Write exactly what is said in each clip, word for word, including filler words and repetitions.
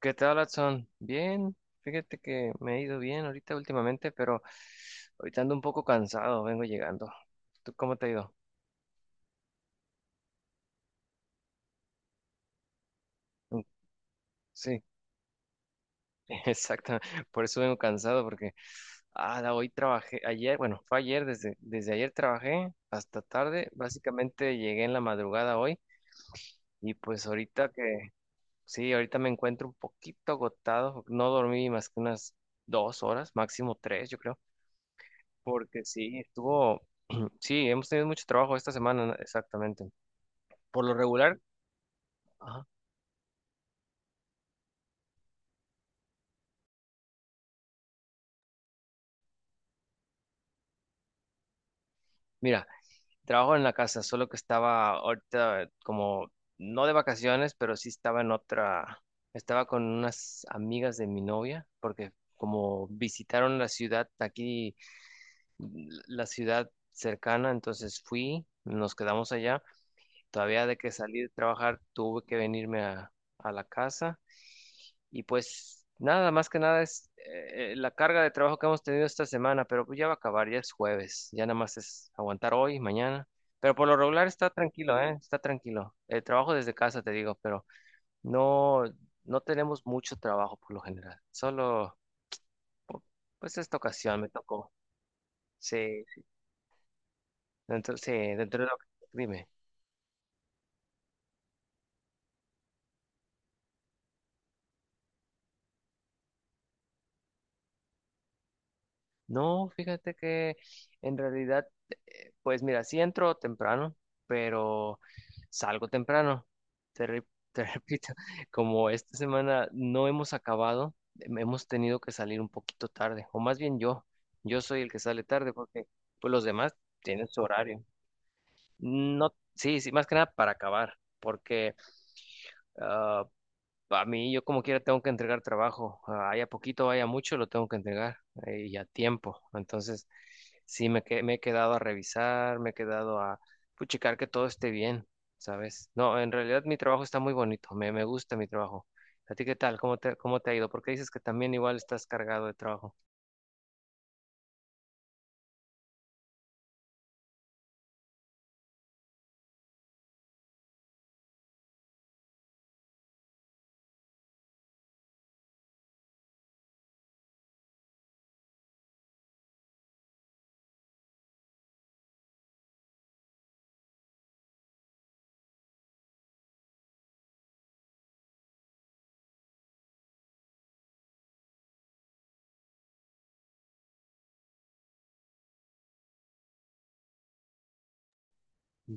¿Qué tal, Watson? Bien, fíjate que me he ido bien ahorita últimamente, pero ahorita ando un poco cansado, vengo llegando. ¿Tú cómo te ha ido? Mm, sí, exacto, por eso vengo cansado, porque ah, la- hoy trabajé, ayer, bueno, fue ayer, desde, desde ayer trabajé hasta tarde, básicamente llegué en la madrugada hoy y pues ahorita que, sí, ahorita me encuentro un poquito agotado, no dormí más que unas dos horas, máximo tres, yo creo, porque sí, estuvo... Sí, hemos tenido mucho trabajo esta semana, ¿no? Exactamente. Por lo regular, ajá, mira, trabajo en la casa, solo que estaba ahorita como, no de vacaciones, pero sí estaba en otra, estaba con unas amigas de mi novia, porque como visitaron la ciudad, aquí, la ciudad cercana, entonces fui, nos quedamos allá. Todavía de que salí de trabajar tuve que venirme a, a la casa. Y pues nada, más que nada es eh, eh, la carga de trabajo que hemos tenido esta semana, pero pues ya va a acabar, ya es jueves, ya nada más es aguantar hoy, mañana. Pero por lo regular está tranquilo, ¿eh? Está tranquilo. El trabajo desde casa, te digo, pero no, no tenemos mucho trabajo por lo general. Solo, pues esta ocasión me tocó. Sí, dentro, sí, dentro de lo que... Dime. No, fíjate que en realidad, pues mira, sí entro temprano, pero salgo temprano. Te, re- te repito, como esta semana no hemos acabado, em- hemos tenido que salir un poquito tarde, o más bien yo, yo soy el que sale tarde porque pues los demás tienen su horario. No, sí, sí, más que nada para acabar, porque ah, a mí yo como quiera tengo que entregar trabajo, ah, haya poquito, haya mucho, lo tengo que entregar eh, y a tiempo. Entonces, sí, me, que- me he quedado a revisar, me he quedado a puchicar que todo esté bien, ¿sabes? No, en realidad mi trabajo está muy bonito, me, me gusta mi trabajo. ¿A ti qué tal? ¿Cómo te, cómo te ha ido? Porque dices que también igual estás cargado de trabajo.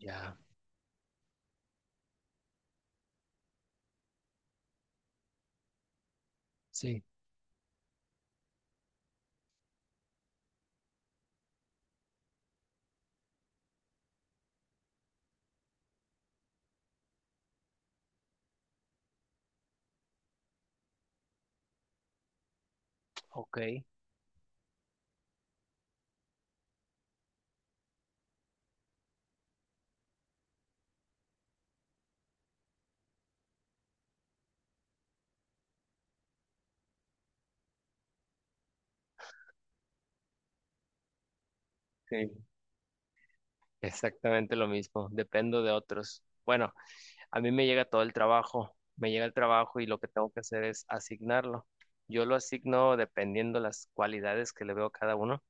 Ya, sí, ok. Sí. Exactamente lo mismo, dependo de otros. Bueno. A mí me llega todo el trabajo, me llega el trabajo y lo que tengo que hacer es asignarlo. Yo lo asigno dependiendo las cualidades que le veo a cada uno.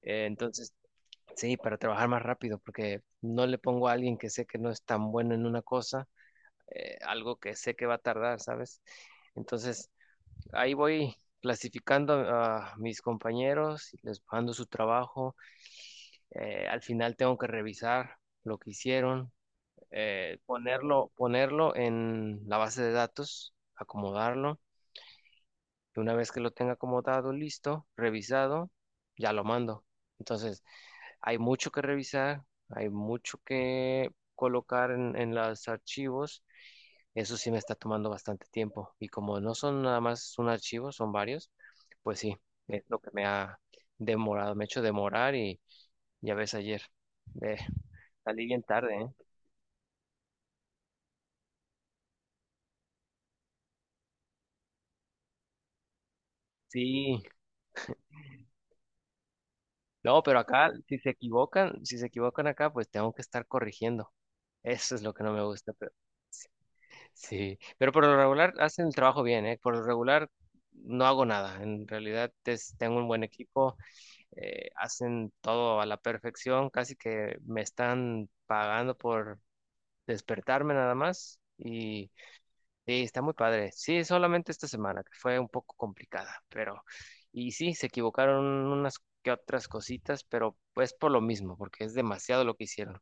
Eh, entonces, sí, para trabajar más rápido, porque no le pongo a alguien que sé que no es tan bueno en una cosa, eh, algo que sé que va a tardar, ¿sabes? Entonces, ahí voy clasificando a mis compañeros, les mando su trabajo. Eh, al final tengo que revisar lo que hicieron, eh, ponerlo, ponerlo en la base de datos, acomodarlo, y una vez que lo tenga acomodado, listo, revisado, ya lo mando. Entonces, hay mucho que revisar, hay mucho que colocar en, en los archivos. Eso sí me está tomando bastante tiempo. Y como no son nada más un archivo, son varios, pues sí, es lo que me ha demorado, me ha hecho demorar y ya ves ayer, eh, salí bien tarde, ¿eh? Sí. No, pero acá, si se equivocan, si se equivocan acá, pues tengo que estar corrigiendo. Eso es lo que no me gusta. Pero, sí, pero por lo regular hacen el trabajo bien, ¿eh? Por lo regular no hago nada. En realidad es- tengo un buen equipo, eh, hacen todo a la perfección, casi que me están pagando por despertarme nada más. Sí, está muy padre. Sí, solamente esta semana, que fue un poco complicada, pero, y sí, se equivocaron unas que otras cositas, pero pues por lo mismo, porque es demasiado lo que hicieron.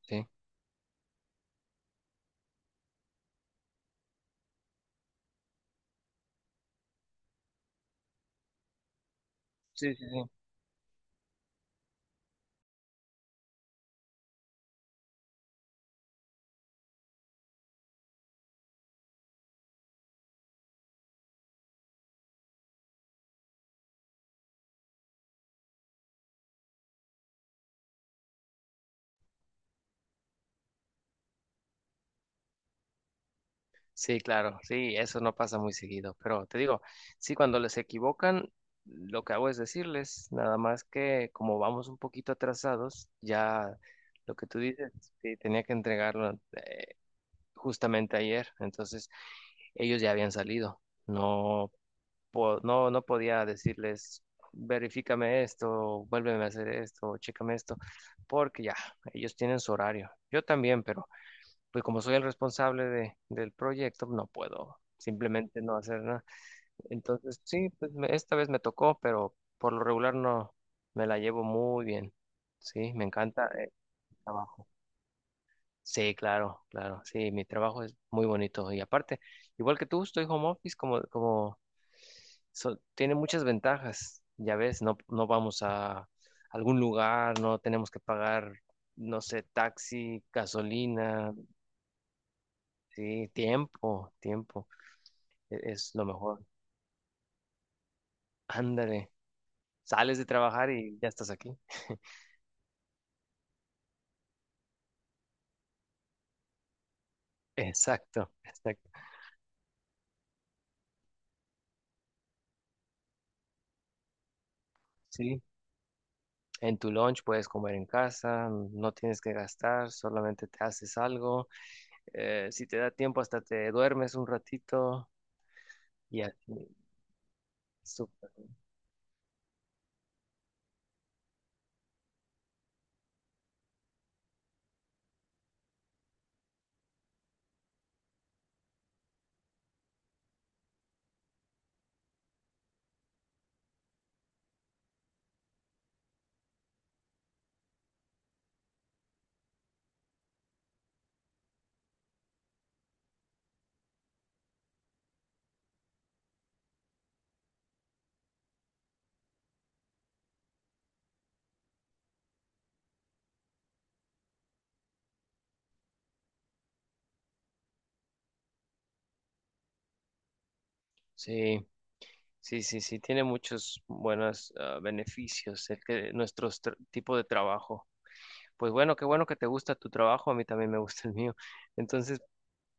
Sí. Sí, sí, sí. Sí, claro, sí, eso no pasa muy seguido, pero te digo, sí, cuando les equivocan, lo que hago es decirles, nada más que como vamos un poquito atrasados, ya, lo que tú dices, sí, tenía que entregarlo eh, justamente ayer, entonces ellos ya habían salido. No po- no, no podía decirles, verifícame esto, vuélveme a hacer esto, chécame esto, porque ya, ellos tienen su horario. Yo también, pero pues como soy el responsable de, del proyecto, no puedo simplemente no hacer nada. Entonces, sí, pues me- esta vez me tocó, pero por lo regular no, me la llevo muy bien. Sí, me encanta. eh, Sí, claro, claro. Sí, mi trabajo es muy bonito. Y aparte, igual que tú, estoy home office como, como so- tiene muchas ventajas. Ya ves, no, no vamos a algún lugar, no tenemos que pagar, no sé, taxi, gasolina, sí, tiempo, tiempo. e- Es lo mejor. Ándale, sales de trabajar y ya estás aquí. Exacto, exacto. Sí, en tu lunch puedes comer en casa, no tienes que gastar, solamente te haces algo. Eh, si te da tiempo, hasta te duermes un ratito y así. Súper. Sí, sí, sí, sí, tiene muchos buenos ah, beneficios el que nuestro tipo de trabajo. Pues bueno, qué bueno que te gusta tu trabajo, a mí también me gusta el mío. Entonces,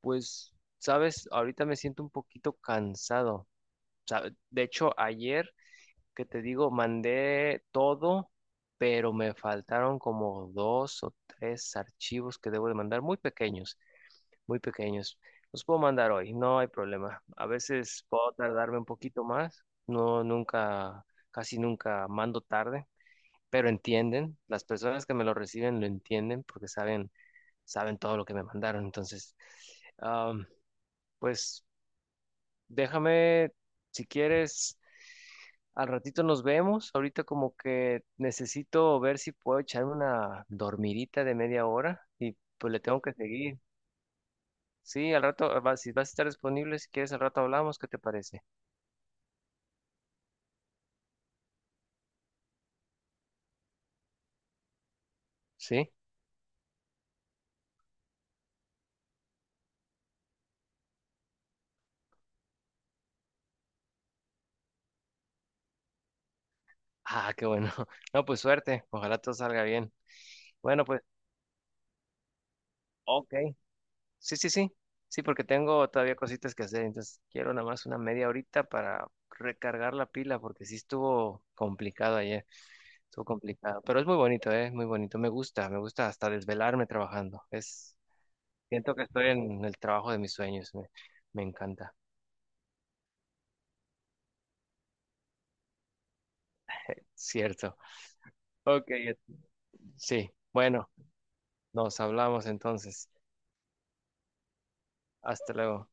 pues, sabes, ahorita me siento un poquito cansado. De hecho, ayer que te digo, mandé todo, pero me faltaron como dos o tres archivos que debo de mandar, muy pequeños, muy pequeños. Los puedo mandar hoy, no hay problema. A veces puedo tardarme un poquito más, no nunca, casi nunca mando tarde, pero entienden, las personas que me lo reciben lo entienden porque saben, saben todo lo que me mandaron. Entonces, am, pues déjame, si quieres, al ratito nos vemos. Ahorita como que necesito ver si puedo echarme una dormidita de media hora y pues le tengo que seguir. Sí, al rato, va- si vas a estar disponible, si quieres, al rato hablamos, ¿qué te parece? ¿Sí? Ah, qué bueno. No, pues suerte, ojalá todo salga bien. Bueno, pues, ok. Sí, sí, sí. Sí, porque tengo todavía cositas que hacer, entonces quiero nada más una media horita para recargar la pila, porque sí estuvo complicado ayer, estuvo complicado, pero es muy bonito, ¿eh? Muy bonito, me gusta, me gusta hasta desvelarme trabajando, es, siento que estoy en el trabajo de mis sueños, me, me encanta, cierto. Ok, sí, bueno. Nos hablamos entonces. Hasta luego.